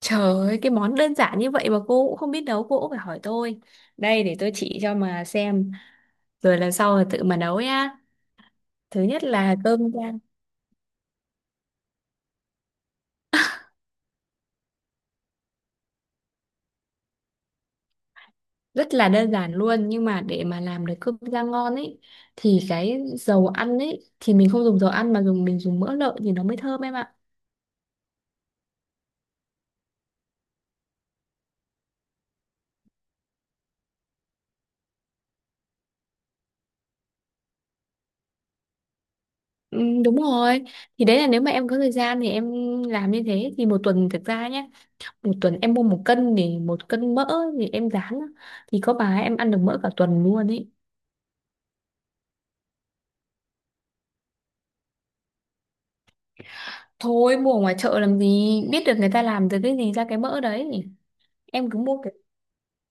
Trời ơi, cái món đơn giản như vậy mà cô cũng không biết nấu, cô cũng phải hỏi tôi. Đây để tôi chỉ cho mà xem, rồi lần sau là tự mà nấu nhá. Thứ nhất là cơm rang, rất là đơn giản luôn, nhưng mà để mà làm được cơm rang ngon ấy thì cái dầu ăn ấy thì mình không dùng dầu ăn mà mình dùng mỡ lợn thì nó mới thơm em ạ. Ừ, đúng rồi. Thì đấy là nếu mà em có thời gian thì em làm như thế thì một tuần thực ra nhé, một tuần em mua một cân thì một cân mỡ thì em rán á, thì có bà em ăn được mỡ cả tuần luôn ấy. Thôi mua ở ngoài chợ làm gì biết được người ta làm từ cái gì ra cái mỡ đấy, em cứ mua cái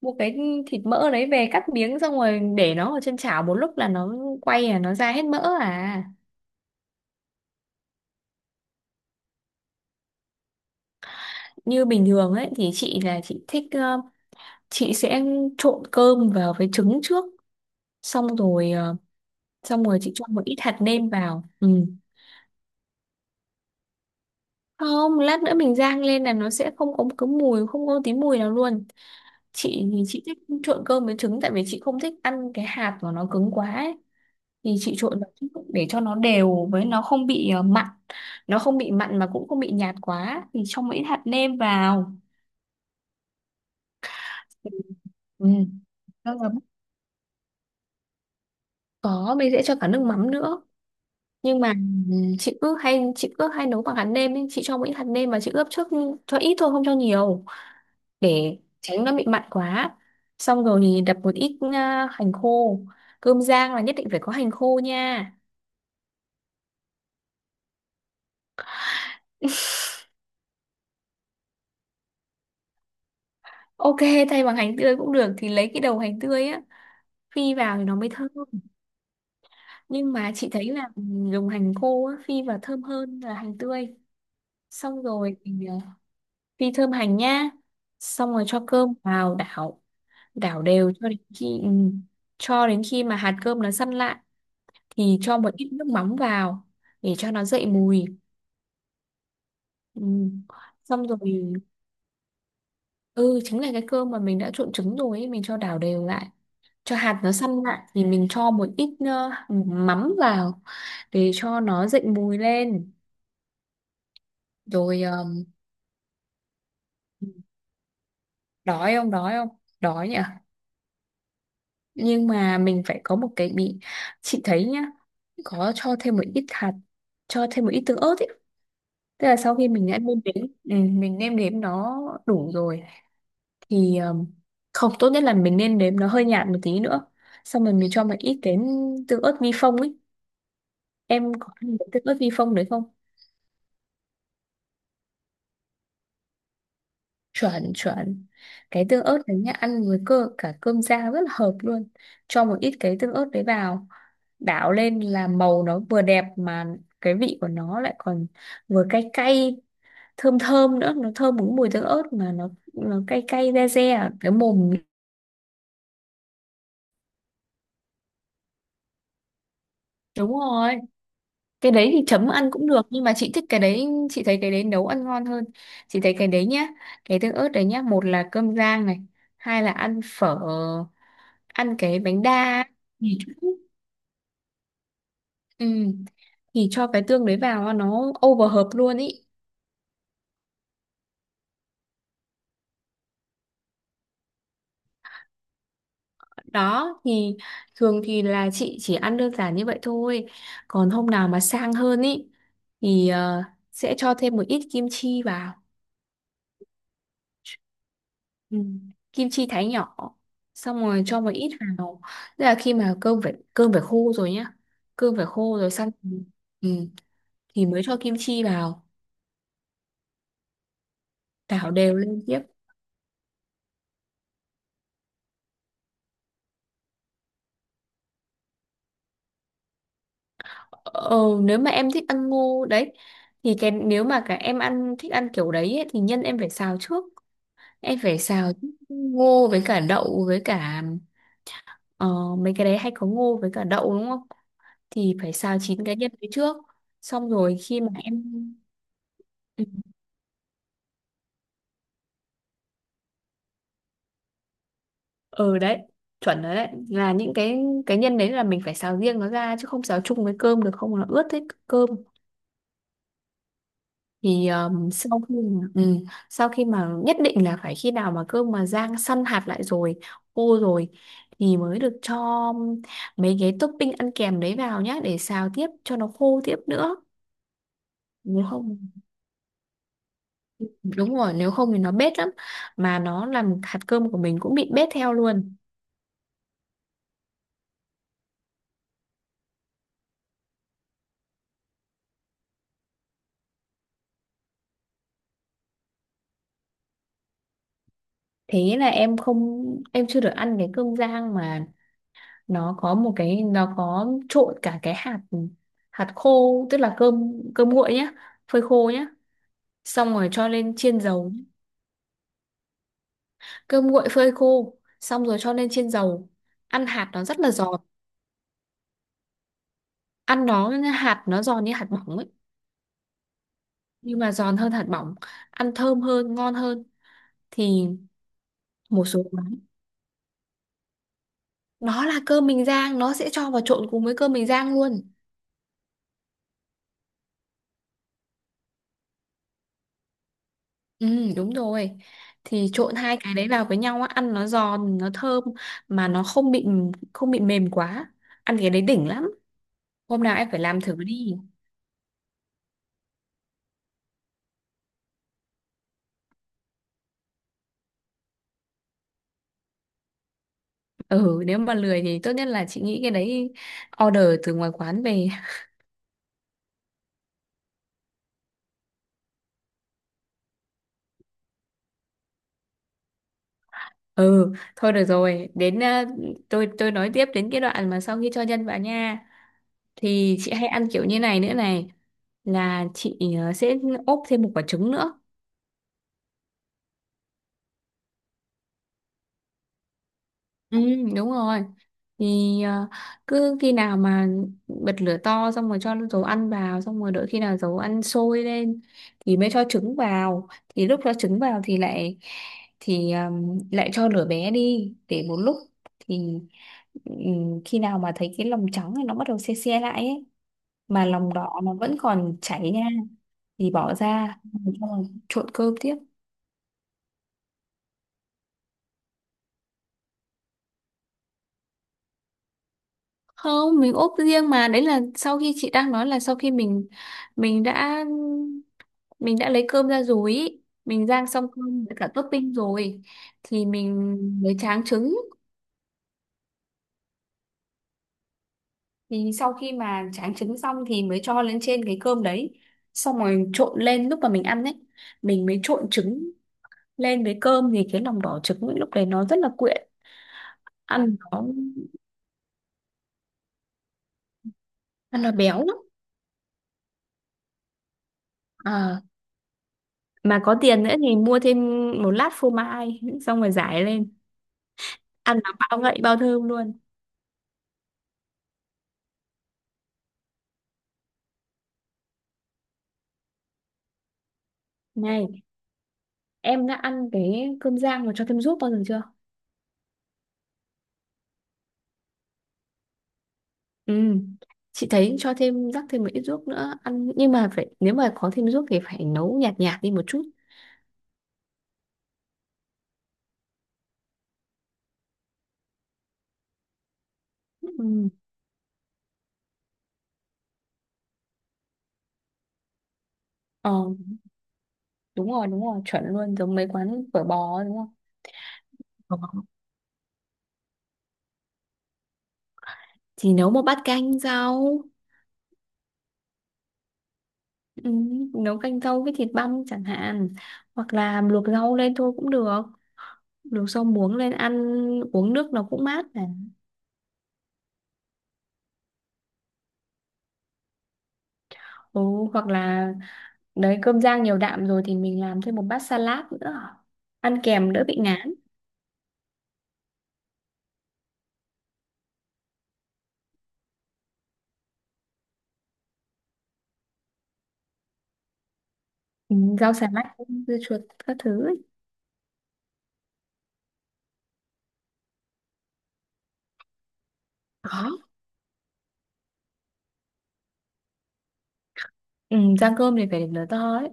mua cái thịt mỡ đấy về cắt miếng xong rồi để nó ở trên chảo một lúc là nó quay à nó ra hết mỡ à. Như bình thường ấy thì chị thích, chị sẽ trộn cơm vào với trứng trước, xong rồi ờ, xong rồi chị cho một ít hạt nêm vào. Ừ, không, lát nữa mình rang lên là nó sẽ không có cái mùi, không có tí mùi nào luôn. Chị thì chị thích trộn cơm với trứng tại vì chị không thích ăn cái hạt của nó cứng quá ấy, thì chị trộn vào chút để cho nó đều, với nó không bị mặn, nó không bị mặn mà cũng không bị nhạt quá thì cho mỗi hạt nêm vào. Ừ. Cho lắm. Có, mình sẽ cho cả nước mắm nữa, nhưng mà chị cứ hay nấu bằng hạt nêm ấy. Chị cho mỗi hạt nêm mà chị ướp trước, cho ít thôi không cho nhiều để tránh nó bị mặn quá. Xong rồi thì đập một ít hành khô. Cơm rang là nhất định phải có hành khô nha. Ok, thay bằng hành tươi cũng được, thì lấy cái đầu hành tươi á, phi vào thì nó mới thơm. Nhưng mà chị thấy là dùng hành khô á, phi vào thơm hơn là hành tươi. Xong rồi mình phi thơm hành nhá, xong rồi cho cơm vào đảo, đảo đều cho đến khi mà hạt cơm nó săn lại thì cho một ít nước mắm vào để cho nó dậy mùi. Ừ. Xong rồi, ừ chính là cái cơm mà mình đã trộn trứng rồi ấy, mình cho đảo đều lại, cho hạt nó săn lại thì mình cho một ít mắm vào để cho nó dậy mùi lên. Rồi, đói không, đói không, đói nhỉ. Nhưng mà mình phải có một cái bị, chị thấy nhá, có cho thêm một ít tương ớt ấy, tức là sau khi mình đã mình nêm nếm nó đủ rồi thì không, tốt nhất là mình nên nếm nó hơi nhạt một tí nữa, xong rồi mình cho một ít cái tương ớt vi phong ấy. Em có ăn cái tương ớt vi phong đấy không? Chuẩn, chuẩn. Cái tương ớt đấy nhá, ăn với cơ cả cơm rang rất là hợp luôn. Cho một ít cái tương ớt đấy vào đảo lên là màu nó vừa đẹp, mà cái vị của nó lại còn vừa cay cay, thơm thơm nữa. Nó thơm một cái mùi tương ớt mà nó cay cay re re ở cái mồm. Đúng rồi. Cái đấy thì chấm ăn cũng được nhưng mà chị thích cái đấy, chị thấy cái đấy nấu ăn ngon hơn. Chị thấy cái đấy nhá, cái tương ớt đấy nhá, một là cơm rang này, hai là ăn phở, ăn cái bánh đa. Ừ. Ừ, thì cho cái tương đấy vào nó over hợp luôn ý. Đó thì thường thì là chị chỉ ăn đơn giản như vậy thôi. Còn hôm nào mà sang hơn ý thì sẽ cho thêm một ít kim chi vào. Ừ. Kim chi thái nhỏ, xong rồi cho một ít vào, tức là khi mà cơm phải khô rồi nhá. Cơm phải khô rồi xong. Ừ. Thì mới cho kim chi vào, đảo đều lên tiếp. Ờ, nếu mà em thích ăn ngô đấy thì cái, nếu mà cả em ăn thích ăn kiểu đấy ấy, thì nhân em phải xào trước. Em phải xào ngô với cả đậu, với cả ờ, mấy cái đấy hay có ngô với cả đậu đúng không, thì phải xào chín cái nhân đấy trước, xong rồi khi mà em, ừ, ừ, đấy, chuẩn rồi. Đấy là những cái nhân đấy là mình phải xào riêng nó ra chứ không xào chung với cơm được, không là ướt hết cơm. Thì ừ, sau khi mà, nhất định là phải khi nào mà cơm mà rang săn hạt lại rồi, khô rồi thì mới được cho mấy cái topping ăn kèm đấy vào nhá, để xào tiếp cho nó khô tiếp nữa. Nếu không, đúng rồi, nếu không thì nó bết lắm, mà nó làm hạt cơm của mình cũng bị bết theo luôn. Thế là em không em chưa được ăn cái cơm rang mà, nó có trộn cả cái hạt hạt khô, tức là cơm cơm nguội nhá, phơi khô nhá, xong rồi cho lên chiên dầu. Cơm nguội phơi khô xong rồi cho lên chiên dầu, ăn hạt nó rất là giòn. Ăn nó, hạt nó giòn như hạt bỏng ấy, nhưng mà giòn hơn hạt bỏng, ăn thơm hơn, ngon hơn. Thì một số quán nó là cơm bình rang, nó sẽ cho vào trộn cùng với cơm bình rang luôn. Ừ, đúng rồi. Thì trộn hai cái đấy vào với nhau á, ăn nó giòn, nó thơm mà nó không bị, không bị mềm quá. Ăn cái đấy đỉnh lắm. Hôm nào em phải làm thử đi. Ừ, nếu mà lười thì tốt nhất là chị nghĩ cái đấy order từ ngoài quán về. Ừ, thôi được rồi, đến tôi nói tiếp đến cái đoạn mà sau khi cho nhân vào nha. Thì chị hay ăn kiểu như này nữa này, là chị sẽ ốp thêm một quả trứng nữa. Ừ, đúng rồi. Thì cứ khi nào mà bật lửa to xong rồi cho dầu ăn vào, xong rồi đợi khi nào dầu ăn sôi lên thì mới cho trứng vào. Thì lúc cho trứng vào thì lại, thì à, lại cho lửa bé đi để một lúc, thì ừ, khi nào mà thấy cái lòng trắng này nó bắt đầu se se lại ấy, mà lòng đỏ nó vẫn còn chảy nha, thì bỏ ra. Xong rồi trộn cơm tiếp. Không, mình ốp riêng, mà đấy là sau khi chị đang nói là sau khi mình đã mình đã lấy cơm ra rồi ý. Mình rang xong cơm với cả topping rồi thì mình mới tráng trứng. Thì sau khi mà tráng trứng xong thì mới cho lên trên cái cơm đấy, xong rồi trộn lên, lúc mà mình ăn ấy, mình mới trộn trứng lên với cơm, thì cái lòng đỏ trứng ấy, lúc đấy nó rất là quyện. Ăn nó ăn nó béo lắm. À, mà có tiền nữa thì mua thêm một lát phô mai, xong rồi rải lên, ăn nó bao ngậy bao thơm luôn. Này, em đã ăn cái cơm rang mà cho thêm ruốc bao giờ chưa? Ừ, chị thấy cho thêm, rắc thêm một ít ruốc nữa ăn, nhưng mà phải, nếu mà có thêm ruốc thì phải nấu nhạt nhạt đi một chút. Ừ. Ờ, đúng rồi, đúng rồi, chuẩn luôn, giống mấy quán phở bò đúng không? Phở bò. Thì nấu một bát canh rau. ừ, Nấu canh rau với thịt băm chẳng hạn, hoặc là luộc rau lên thôi cũng được, luộc rau muống lên ăn, uống nước nó cũng mát này. Ừ, hoặc là, đấy, cơm rang nhiều đạm rồi thì mình làm thêm một bát salad nữa, ăn kèm đỡ bị ngán. Ừ, rau xà lách, dưa chuột các thứ ấy. Có. Ừ, rang cơm thì phải lửa to ấy,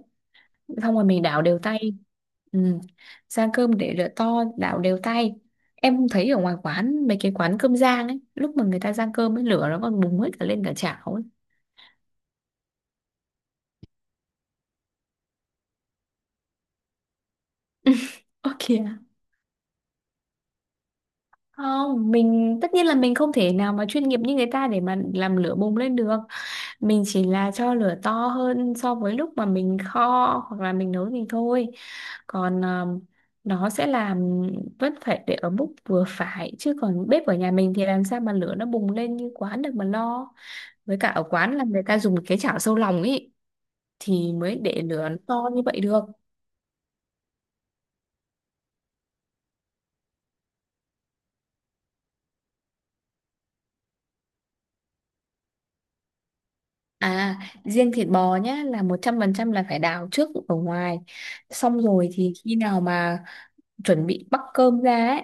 xong rồi mình đảo đều tay. Ừ. Rang cơm để lửa to, đảo đều tay. Em thấy ở ngoài quán, mấy cái quán cơm rang ấy, lúc mà người ta rang cơm ấy, lửa nó còn bùng hết cả lên cả chảo ấy. Ơ kìa. Không, mình tất nhiên là mình không thể nào mà chuyên nghiệp như người ta để mà làm lửa bùng lên được. Mình chỉ là cho lửa to hơn so với lúc mà mình kho hoặc là mình nấu thì thôi. Còn nó sẽ làm, vẫn phải để ở mức vừa phải, chứ còn bếp ở nhà mình thì làm sao mà lửa nó bùng lên như quán được mà lo. Với cả ở quán là người ta dùng cái chảo sâu lòng ấy thì mới để lửa nó to như vậy được. À, riêng thịt bò nhá, là 100% là phải đào trước ở ngoài. Xong rồi thì khi nào mà chuẩn bị bắc cơm ra ấy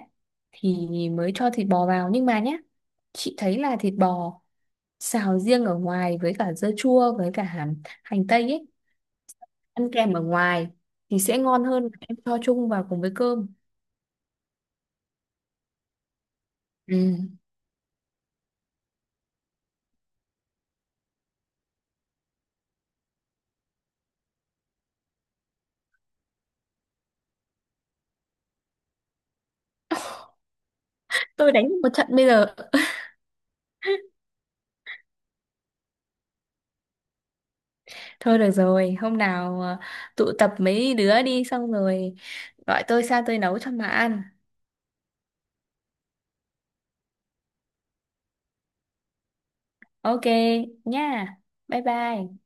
thì mới cho thịt bò vào. Nhưng mà nhá, chị thấy là thịt bò xào riêng ở ngoài với cả dưa chua với cả hành, hành tây ấy, ăn kèm ở ngoài thì sẽ ngon hơn là em cho chung vào cùng với cơm. Ừ. Tôi đánh một trận bây giờ. Thôi được rồi, hôm nào tụ tập mấy đứa đi, xong rồi gọi tôi sang tôi nấu cho mà ăn. Ok nha. Bye bye.